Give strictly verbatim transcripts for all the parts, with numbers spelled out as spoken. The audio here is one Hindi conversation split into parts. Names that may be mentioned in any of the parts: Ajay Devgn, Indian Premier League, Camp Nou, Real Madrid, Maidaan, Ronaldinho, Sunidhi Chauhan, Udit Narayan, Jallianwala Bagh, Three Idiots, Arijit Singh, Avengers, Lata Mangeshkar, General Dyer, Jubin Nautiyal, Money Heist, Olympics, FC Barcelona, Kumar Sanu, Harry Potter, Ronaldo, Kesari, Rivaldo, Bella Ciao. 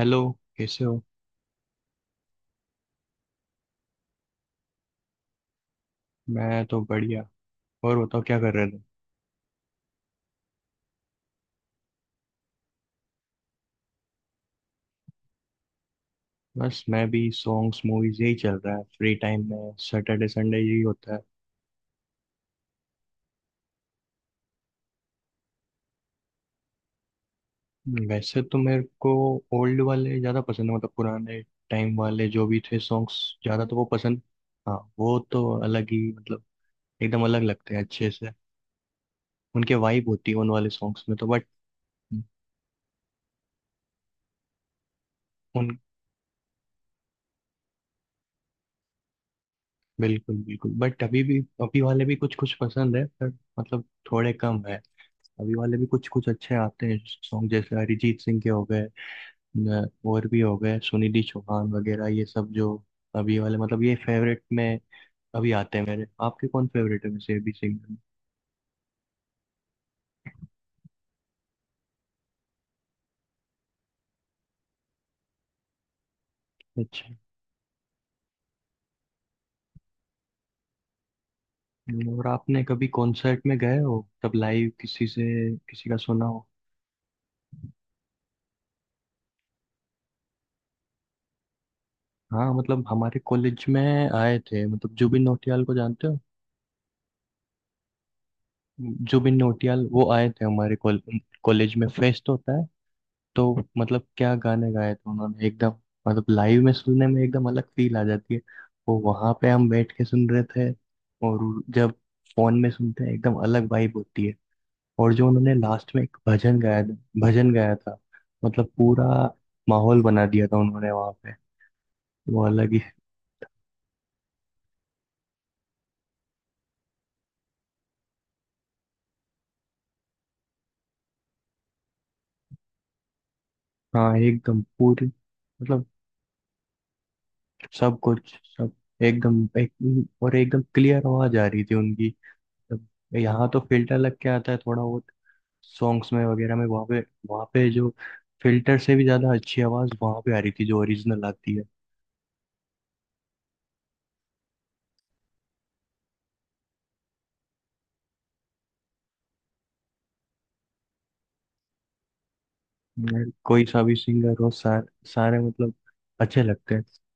हेलो। कैसे हो। मैं तो बढ़िया। और बताओ क्या कर रहे थे। बस मैं भी सॉन्ग्स मूवीज यही चल रहा है, फ्री टाइम में सैटरडे संडे यही होता है। वैसे तो मेरे को ओल्ड वाले ज़्यादा पसंद है, मतलब पुराने टाइम वाले जो भी थे सॉन्ग्स, ज़्यादा तो वो पसंद। हाँ, वो तो अलग ही मतलब एकदम अलग लगते हैं अच्छे से। उनके वाइब होती है उन वाले सॉन्ग्स में तो, बट उन बिल्कुल बिल्कुल, बट अभी भी अभी वाले भी कुछ कुछ पसंद है, पर मतलब थोड़े कम है। अभी वाले भी कुछ कुछ अच्छे आते हैं सॉन्ग, जैसे अरिजीत सिंह के हो गए, न- और भी हो गए, सुनिधि चौहान वगैरह, ये सब जो अभी वाले, मतलब ये फेवरेट में अभी आते हैं मेरे। आपके कौन फेवरेट है वैसे अभी सिंगर में? अच्छा। और आपने कभी कॉन्सर्ट में गए हो तब लाइव, किसी से किसी का सुना हो। हाँ, मतलब हमारे कॉलेज में आए थे, मतलब जुबिन नौटियाल को जानते हो। जुबिन नौटियाल वो आए थे हमारे कॉलेज में, फेस्ट होता है, तो मतलब क्या गाने गाए थे उन्होंने एकदम। मतलब लाइव में सुनने में एकदम अलग फील आ जाती है, वो वहां पे हम बैठ के सुन रहे थे, और जब फोन में सुनते हैं एकदम अलग वाइब होती है। और जो उन्होंने लास्ट में एक भजन गाया भजन गाया था, मतलब पूरा माहौल बना दिया था उन्होंने वहां पे, वो अलग ही। हाँ एकदम पूरी, मतलब सब कुछ सब एकदम एक, और एकदम क्लियर आवाज आ रही थी उनकी। अब यहाँ तो फिल्टर लग के आता है थोड़ा बहुत सॉन्ग्स में वगैरह में वहाँ पे, वहाँ पे जो फिल्टर से भी ज़्यादा अच्छी आवाज़ वहाँ पे आ रही थी, जो ओरिजिनल आती है। मैं- कोई सा भी सिंगर हो, सार, सारे मतलब अच्छे लगते हैं। अ,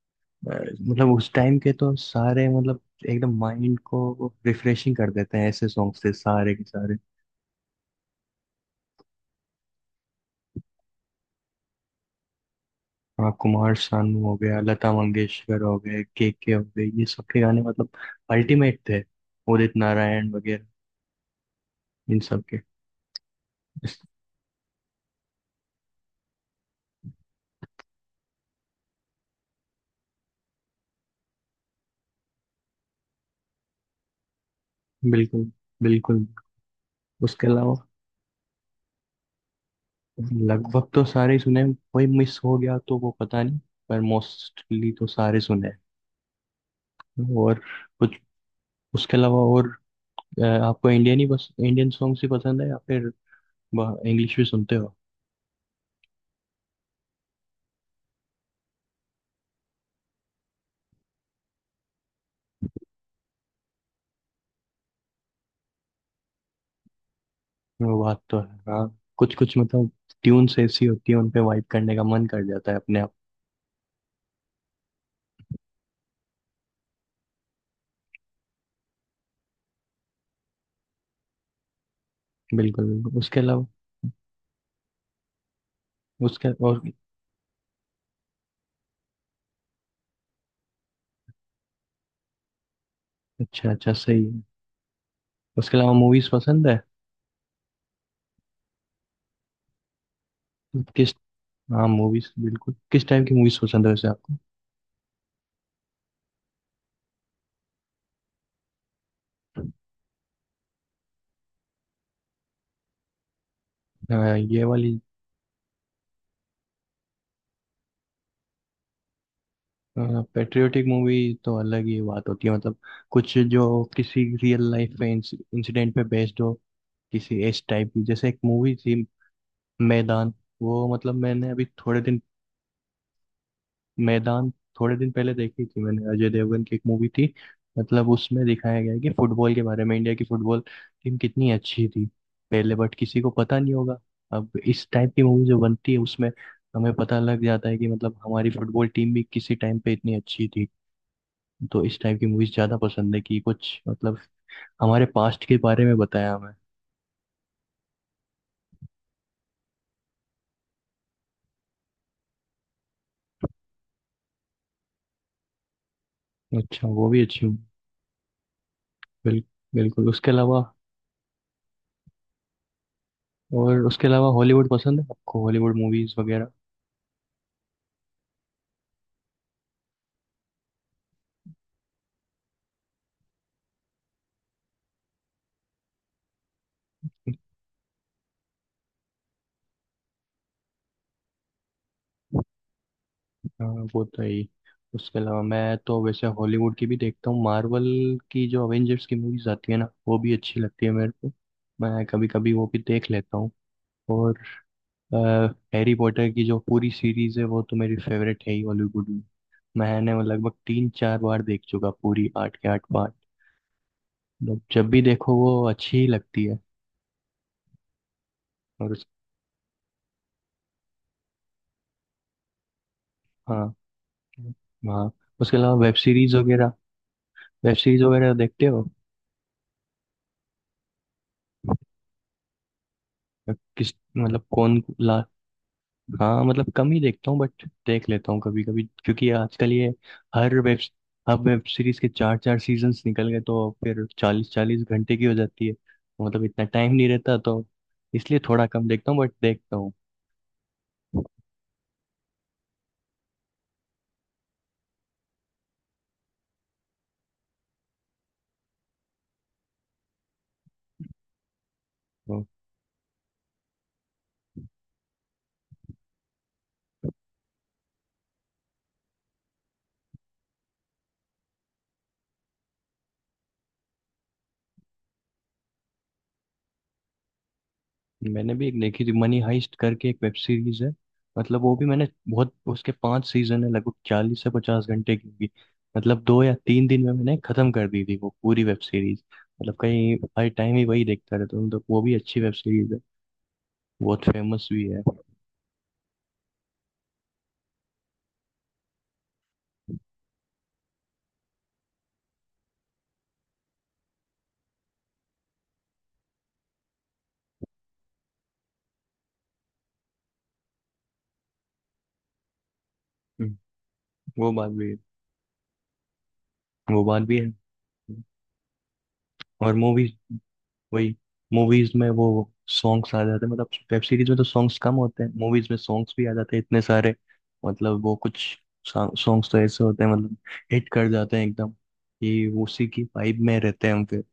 मतलब उस टाइम के तो सारे, मतलब एकदम माइंड को रिफ्रेशिंग कर देते हैं, ऐसे सॉन्ग्स थे सारे के सारे। हाँ, कुमार सानू हो गया, लता मंगेशकर हो गए, के के हो गए, ये सब के गाने मतलब अल्टीमेट थे। उदित नारायण वगैरह, इन सब के इस- बिल्कुल बिल्कुल। उसके अलावा लगभग तो सारे ही सुने हैं, कोई मिस हो गया तो वो पता नहीं, पर मोस्टली तो सारे सुने हैं। और कुछ उसके अलावा और अ, आपको इंडियन ही, बस इंडियन सॉन्ग्स ही पसंद है या फिर इंग्लिश भी सुनते हो। वो बात तो है, हाँ कुछ कुछ मतलब ट्यून्स ऐसी होती है, उन पे वाइब करने का मन कर जाता है अपने आप। बिल्कुल बिल्कुल। उसके अलावा उसके और अच्छा अच्छा, सही है। उसके अलावा मूवीज पसंद है। किस हाँ, मूवीज बिल्कुल। किस टाइप की मूवीज पसंद है वैसे आपको? हाँ, ये वाली पेट्रियोटिक मूवी तो अलग ही बात होती है, मतलब कुछ जो किसी रियल लाइफ में इंसिडेंट पे बेस्ड हो, किसी इस टाइप की, जैसे एक मूवी थी मैदान, वो मतलब मैंने अभी थोड़े दिन, मैदान थोड़े दिन पहले देखी थी, मैंने अजय देवगन की एक मूवी थी, मतलब उसमें दिखाया गया है कि फुटबॉल के बारे में, इंडिया की फुटबॉल टीम कितनी अच्छी थी पहले, बट किसी को पता नहीं होगा। अब इस टाइप की मूवी जो बनती है उसमें हमें पता लग जाता है कि मतलब हमारी फुटबॉल टीम भी किसी टाइम पे इतनी अच्छी थी, तो इस टाइप की मूवीज ज्यादा पसंद है कि कुछ मतलब हमारे पास्ट के बारे में बताया हमें। अच्छा, वो भी अच्छी हूँ। बिल, बिल्कुल। उसके अलावा और उसके अलावा हॉलीवुड पसंद है, आपको हॉलीवुड मूवीज वगैरह? हाँ, वो तो है ही। उसके अलावा मैं तो वैसे हॉलीवुड की भी देखता हूँ, मार्वल की जो अवेंजर्स की मूवीज आती है ना, वो भी अच्छी लगती है मेरे को। मैं कभी कभी वो भी देख लेता हूँ। और हैरी पॉटर की जो पूरी सीरीज है वो तो मेरी फेवरेट है ही हॉलीवुड में। मैंने वो लगभग तीन चार बार देख चुका, पूरी आठ के आठ पार्ट। मतलब जब भी देखो वो अच्छी ही लगती है। और उस हाँ हाँ। उसके अलावा वेब सीरीज वगैरह, वेब सीरीज वगैरह देखते हो? किस मतलब कौन ला हाँ मतलब कम ही देखता हूँ, बट देख लेता हूँ कभी कभी, क्योंकि आजकल ये हर वेब हर वेब सीरीज के चार चार सीजन्स निकल गए, तो फिर चालीस चालीस घंटे की हो जाती है, मतलब इतना टाइम नहीं रहता, तो इसलिए थोड़ा कम देखता हूँ, बट देखता हूँ तो। मैंने भी एक देखी थी, मनी हाइस्ट करके एक वेब सीरीज है, मतलब वो भी मैंने बहुत, उसके पांच सीजन है, लगभग चालीस से पचास घंटे की होगी। मतलब दो या तीन दिन में मैंने खत्म कर दी थी वो पूरी वेब सीरीज। मतलब कहीं हर टाइम ही वही देखता रहता हूँ, तो वो भी अच्छी वेब सीरीज है, बहुत फेमस भी है। हम्म। वो बात भी है, वो बात भी है। और मूवीज वही मूवीज में वो सॉन्ग्स आ जाते हैं, मतलब वेब सीरीज में तो सॉन्ग्स कम होते हैं, मूवीज में सॉन्ग्स भी आ जाते हैं इतने सारे। मतलब वो कुछ सॉन्ग्स तो ऐसे होते हैं, मतलब हिट कर जाते हैं एकदम कि उसी की वाइब में रहते हैं हम फिर।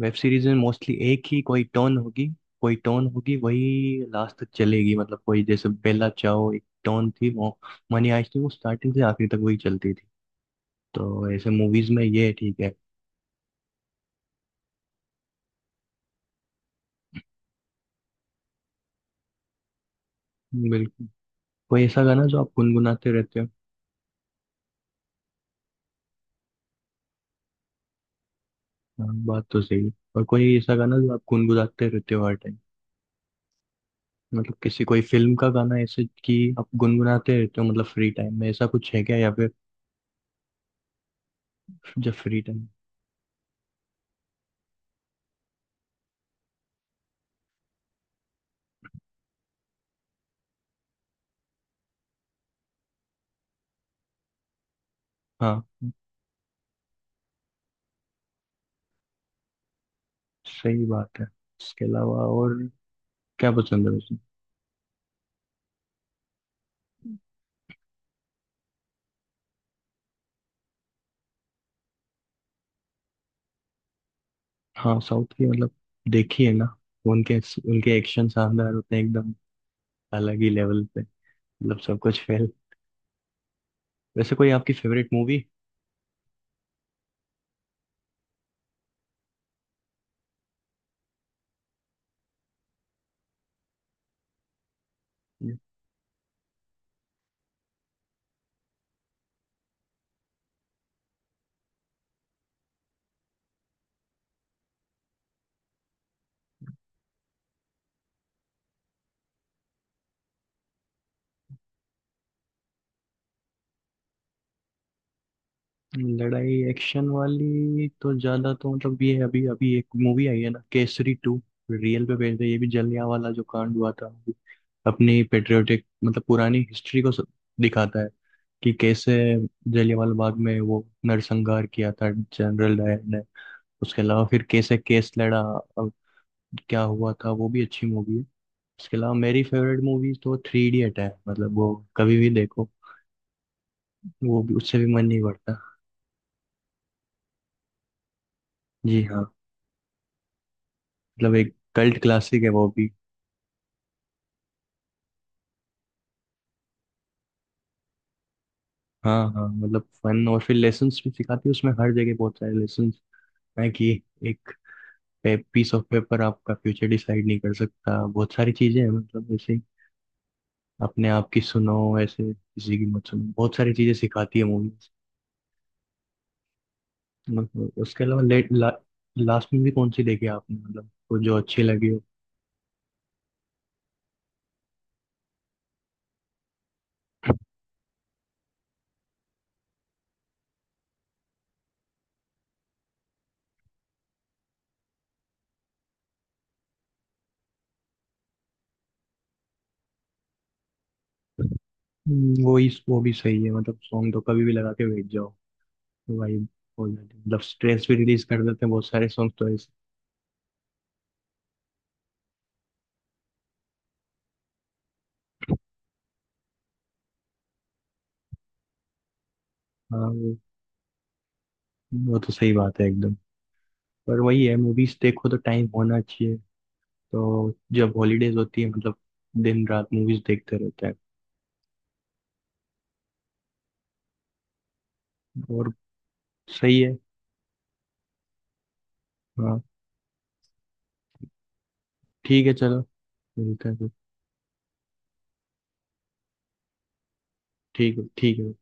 वेब सीरीज में मोस्टली एक ही कोई टोन होगी, कोई टोन होगी वही लास्ट तक चलेगी, मतलब कोई जैसे बेला चाओ एक टोन थी, वो मनी आइस थी, वो स्टार्टिंग से आखिरी तक वही चलती थी, तो ऐसे मूवीज में ये ठीक है। बिल्कुल। कोई ऐसा गाना जो आप गुनगुनाते रहते हो? हाँ बात तो सही है। और कोई ऐसा गाना जो आप गुनगुनाते रहते हो हर टाइम, मतलब किसी कोई फिल्म का गाना ऐसे कि आप गुनगुनाते रहते हो मतलब फ्री टाइम में, ऐसा कुछ है क्या या फिर जब फ्री टाइम हाँ सही बात है। इसके अलावा और क्या पसंद है वैसे? हाँ साउथ की मतलब देखी है ना। उनके उनके एक्शन शानदार होते हैं एकदम, अलग ही लेवल पे। मतलब सब कुछ फेल। वैसे कोई आपकी फेवरेट मूवी? लड़ाई एक्शन वाली तो ज्यादा तो, मतलब ये है अभी अभी एक मूवी आई है ना केसरी टू, रियल पे बेस्ड है ये भी। जलिया वाला जो कांड हुआ था, अपनी पेट्रियोटिक मतलब पुरानी हिस्ट्री को सब दिखाता है कि कैसे जलियांवाला बाग में वो नरसंहार किया था जनरल डायर ने। उसके अलावा फिर कैसे केस लड़ा और क्या हुआ था, वो भी अच्छी मूवी है। उसके अलावा मेरी फेवरेट मूवी तो थ्री इडियट है, मतलब वो कभी भी देखो, वो भी उससे भी मन नहीं भरता। जी हाँ। मतलब एक कल्ट क्लासिक है वो भी। हाँ हाँ, मतलब फन और फिर लेसन्स भी सिखाती है उसमें, हर जगह बहुत सारे लेसन्स है कि एक पीस ऑफ पेपर आपका फ्यूचर डिसाइड नहीं कर सकता, बहुत सारी चीजें हैं मतलब ऐसे ही। अपने आप की सुनो, ऐसे किसी की मत सुनो, बहुत सारी चीजें सिखाती है मूवीज। मतलब उसके अलावा लेट ला, लास्ट में भी कौन सी देखी आपने, मतलब वो जो अच्छी लगी हो? हम्म, वो ही वो भी सही है, मतलब सॉन्ग तो कभी भी लगा के बैठ जाओ भाई, हो जाती है। मतलब स्ट्रेस भी रिलीज कर देते हैं बहुत सारे सॉन्ग तो ऐसे। हाँ वो तो सही बात है एकदम। पर वही है, मूवीज देखो तो टाइम होना चाहिए, तो जब हॉलीडेज होती है मतलब दिन रात मूवीज देखते रहते हैं। और सही है। हाँ ठीक है चलो, मिलते हैं फिर। ठीक है, ठीक है।